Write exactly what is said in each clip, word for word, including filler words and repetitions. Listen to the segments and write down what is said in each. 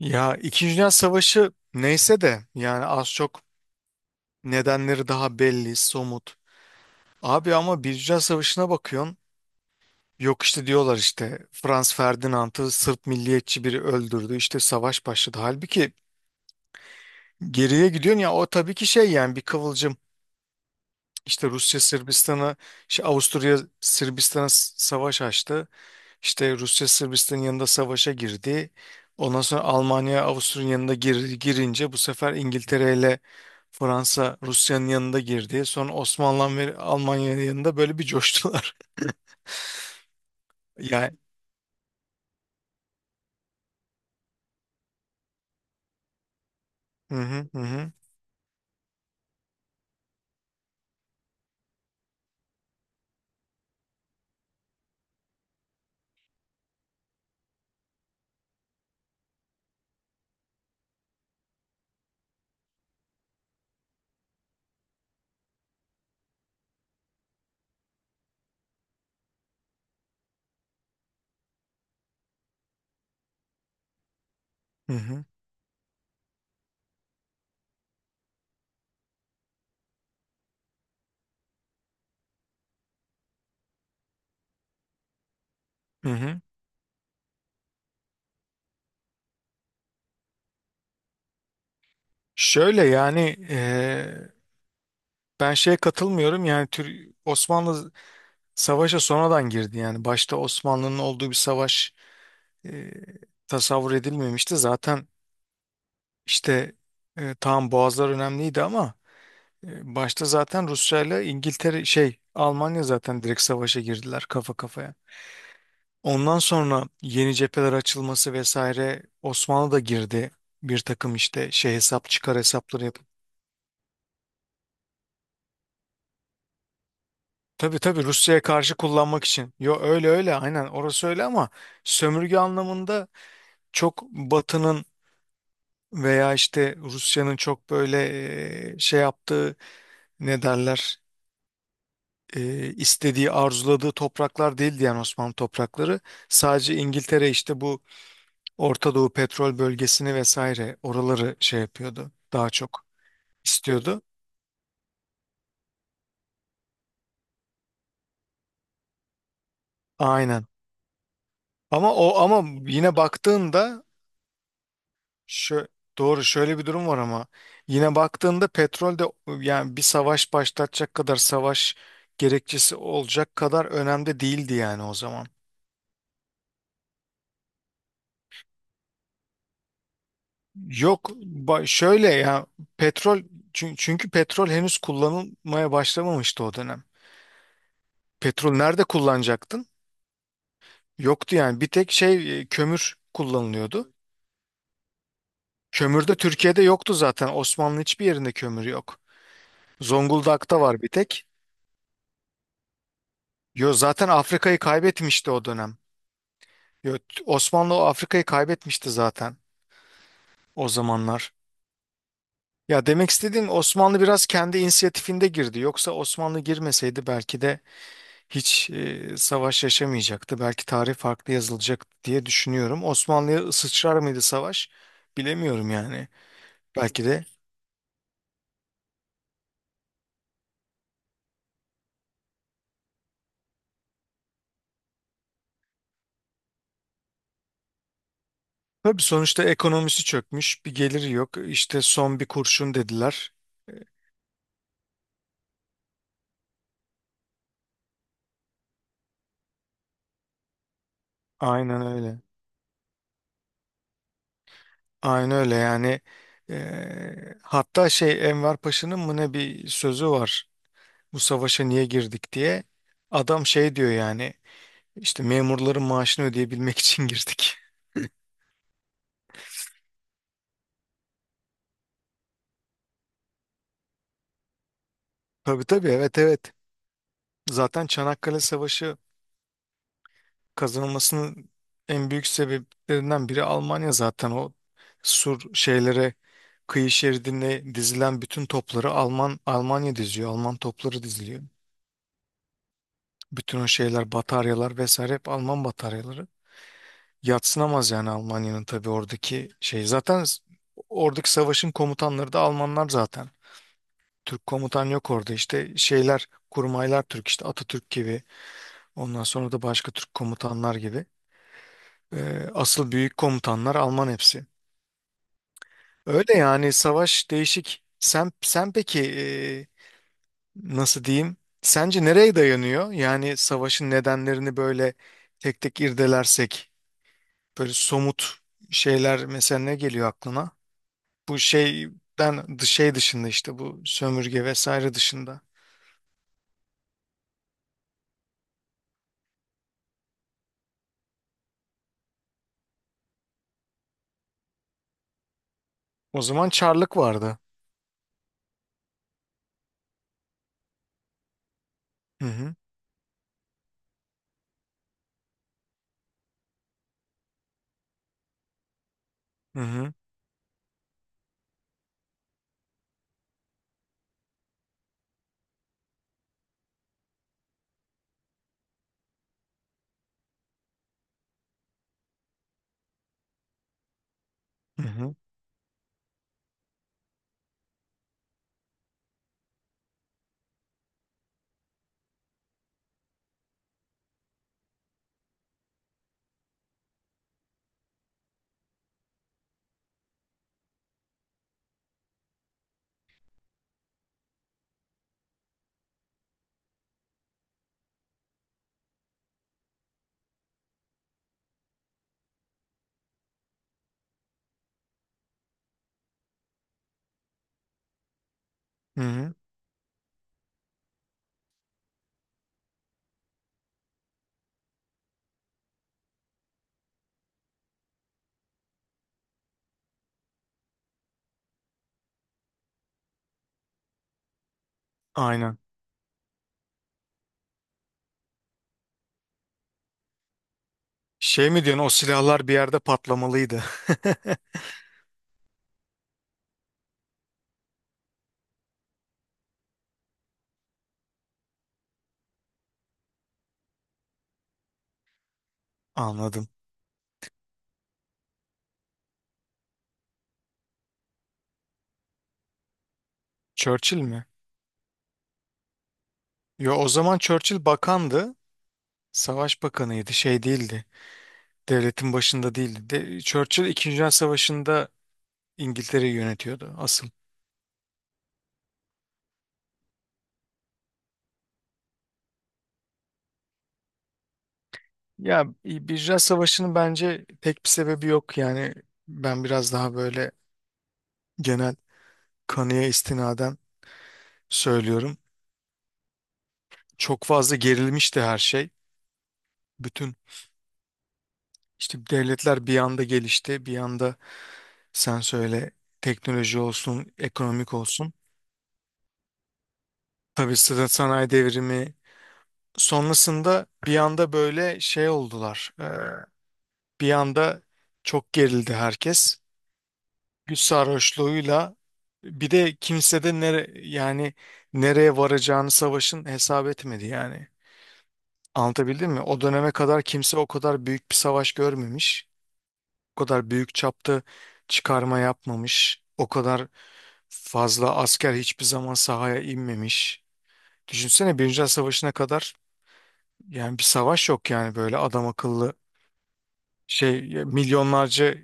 Ya İkinci Dünya Savaşı neyse de yani az çok nedenleri daha belli, somut. Abi ama Birinci Dünya Savaşı'na bakıyorsun. Yok işte diyorlar işte Franz Ferdinand'ı Sırp milliyetçi biri öldürdü işte savaş başladı. Halbuki geriye gidiyorsun ya o tabii ki şey yani bir kıvılcım işte Rusya Sırbistan'a işte Avusturya Sırbistan'a s- savaş açtı. İşte Rusya Sırbistan'ın yanında savaşa girdi. Ondan sonra Almanya Avusturya'nın yanında gir- girince bu sefer İngiltere ile Fransa Rusya'nın yanında girdi. Sonra Osmanlı ve Almanya'nın yanında böyle bir coştular. Yani. Hı hı hı hı hı hı. Hı hı. Şöyle yani eee, ben şeye katılmıyorum yani Tür Osmanlı savaşa sonradan girdi yani başta Osmanlı'nın olduğu bir savaş eee, tasavvur edilmemişti zaten işte eee, tamam boğazlar önemliydi ama, E, Başta zaten Rusya ile İngiltere şey Almanya zaten direkt savaşa girdiler kafa kafaya. Ondan sonra yeni cepheler açılması vesaire Osmanlı da girdi. Bir takım işte şey hesap çıkar hesapları yapıp. Tabii tabii Rusya'ya karşı kullanmak için. Yo öyle öyle aynen orası öyle ama sömürge anlamında çok Batı'nın veya işte Rusya'nın çok böyle e, şey yaptığı ne derler e, istediği, arzuladığı topraklar değildi yani Osmanlı toprakları. Sadece İngiltere işte bu Orta Doğu petrol bölgesini vesaire oraları şey yapıyordu. Daha çok istiyordu. Aynen. Ama o ama yine baktığında şu doğru şöyle bir durum var ama yine baktığında petrol de yani bir savaş başlatacak kadar savaş gerekçesi olacak kadar önemli değildi yani o zaman. Yok ba- şöyle ya petrol çün- çünkü petrol henüz kullanılmaya başlamamıştı o dönem. Petrol nerede kullanacaktın? Yoktu yani bir tek şey e, kömür kullanılıyordu. Kömür de Türkiye'de yoktu zaten. Osmanlı hiçbir yerinde kömür yok. Zonguldak'ta var bir tek. Yo zaten Afrika'yı kaybetmişti o dönem. Yo, t- Osmanlı o Afrika'yı kaybetmişti zaten o zamanlar. Ya demek istediğim Osmanlı biraz kendi inisiyatifinde girdi. Yoksa Osmanlı girmeseydi belki de hiç e, savaş yaşamayacaktı. Belki tarih farklı yazılacak diye düşünüyorum. Osmanlı'ya sıçrar mıydı savaş? Bilemiyorum yani. Belki de. Tabii sonuçta ekonomisi çökmüş, bir geliri yok. İşte son bir kurşun dediler. Aynen öyle. Aynen öyle yani. E, hatta şey Enver Paşa'nın mı ne bir sözü var. Bu savaşa niye girdik diye. Adam şey diyor yani. İşte memurların maaşını ödeyebilmek için girdik. Tabii tabii evet evet. Zaten Çanakkale Savaşı kazanılmasının en büyük sebeplerinden biri Almanya zaten o sur şeylere kıyı şeridine dizilen bütün topları Alman Almanya diziyor. Alman topları diziliyor. Bütün o şeyler bataryalar vesaire hep Alman bataryaları. Yadsınamaz yani Almanya'nın tabii oradaki şey. Zaten s- oradaki savaşın komutanları da Almanlar zaten. Türk komutan yok orada işte şeyler kurmaylar Türk işte Atatürk gibi ondan sonra da başka Türk komutanlar gibi. Ee, asıl büyük komutanlar Alman hepsi. Öyle yani savaş değişik. Sen sen peki e, nasıl diyeyim? Sence nereye dayanıyor? Yani savaşın nedenlerini böyle tek tek irdelersek böyle somut şeyler mesela ne geliyor aklına? Bu şeyden dış- şey dışında işte bu sömürge vesaire dışında. O zaman çarlık vardı. Hı hı. Hı hı. Hı hı. Hı hı. Aynen. Şey mi diyorsun o silahlar bir yerde patlamalıydı. Anladım. Churchill mi? Yo o zaman Churchill bakandı. Savaş bakanıydı. Şey değildi. Devletin başında değildi. De, Churchill İkinci Dünya Savaşı'nda İngiltere'yi yönetiyordu asıl. Ya Birinci Dünya Savaşı'nın bence pek bir sebebi yok. Yani ben biraz daha böyle genel kanıya istinaden söylüyorum. Çok fazla gerilmişti her şey. Bütün işte devletler bir anda gelişti. Bir anda sen söyle teknoloji olsun, ekonomik olsun. Tabii sana- sanayi devrimi Sonrasında bir anda böyle şey oldular. Ee, bir anda çok gerildi herkes. Güç sarhoşluğuyla bir de kimse de nere, yani nereye varacağını savaşın hesap etmedi yani. Anlatabildim mi? O döneme kadar kimse o kadar büyük bir savaş görmemiş. O kadar büyük çapta çıkarma yapmamış. O kadar fazla asker hiçbir zaman sahaya inmemiş. Düşünsene Birinci Dünya Savaşı'na kadar yani bir savaş yok yani böyle adam akıllı şey e, milyonlarca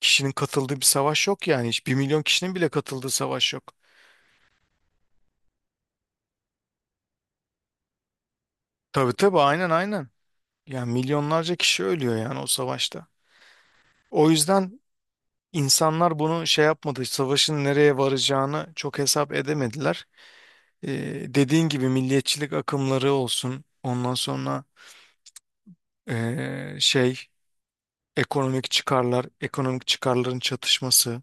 kişinin katıldığı bir savaş yok yani hiç bir milyon kişinin bile katıldığı savaş yok. Tabii tabii aynen aynen. Yani milyonlarca kişi ölüyor yani o savaşta. O yüzden insanlar bunu şey yapmadı, savaşın nereye varacağını çok hesap edemediler. Ee, dediğin gibi milliyetçilik akımları olsun, ondan sonra ee, şey ekonomik çıkarlar, ekonomik çıkarların çatışması,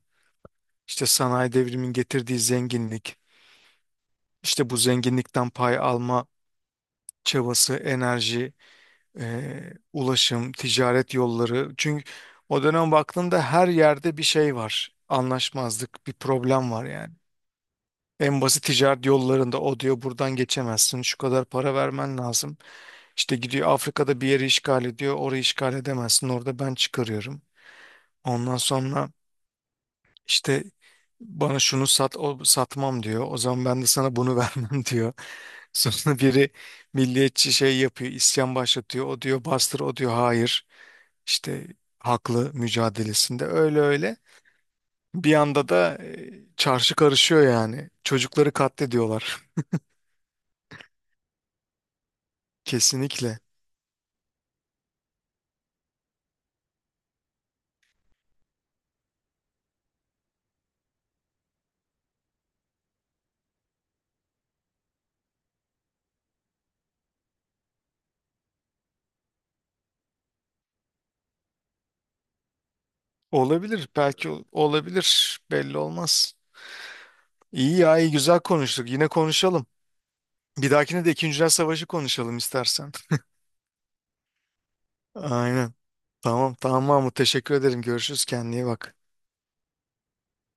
işte sanayi devriminin getirdiği zenginlik, işte bu zenginlikten pay alma çabası, enerji, e, ulaşım, ticaret yolları. Çünkü o dönem baktığında her yerde bir şey var. Anlaşmazlık, bir problem var yani. En basit ticaret yollarında o diyor buradan geçemezsin, şu kadar para vermen lazım. İşte gidiyor Afrika'da bir yeri işgal ediyor, orayı işgal edemezsin, orada ben çıkarıyorum. Ondan sonra işte bana şunu sat, o satmam diyor. O zaman ben de sana bunu vermem diyor. Sonra biri milliyetçi şey yapıyor, isyan başlatıyor. O diyor bastır, o diyor hayır. İşte haklı mücadelesinde öyle öyle. Bir anda da e, çarşı karışıyor yani. Çocukları katlediyorlar. Kesinlikle. Olabilir. Belki ol- olabilir. Belli olmaz. İyi ya, iyi güzel konuştuk. Yine konuşalım. Bir dahakine de İkinci Dünya Savaşı konuşalım istersen. Aynen. Tamam, tamam Mahmut. Teşekkür ederim. Görüşürüz. Kendine iyi bak.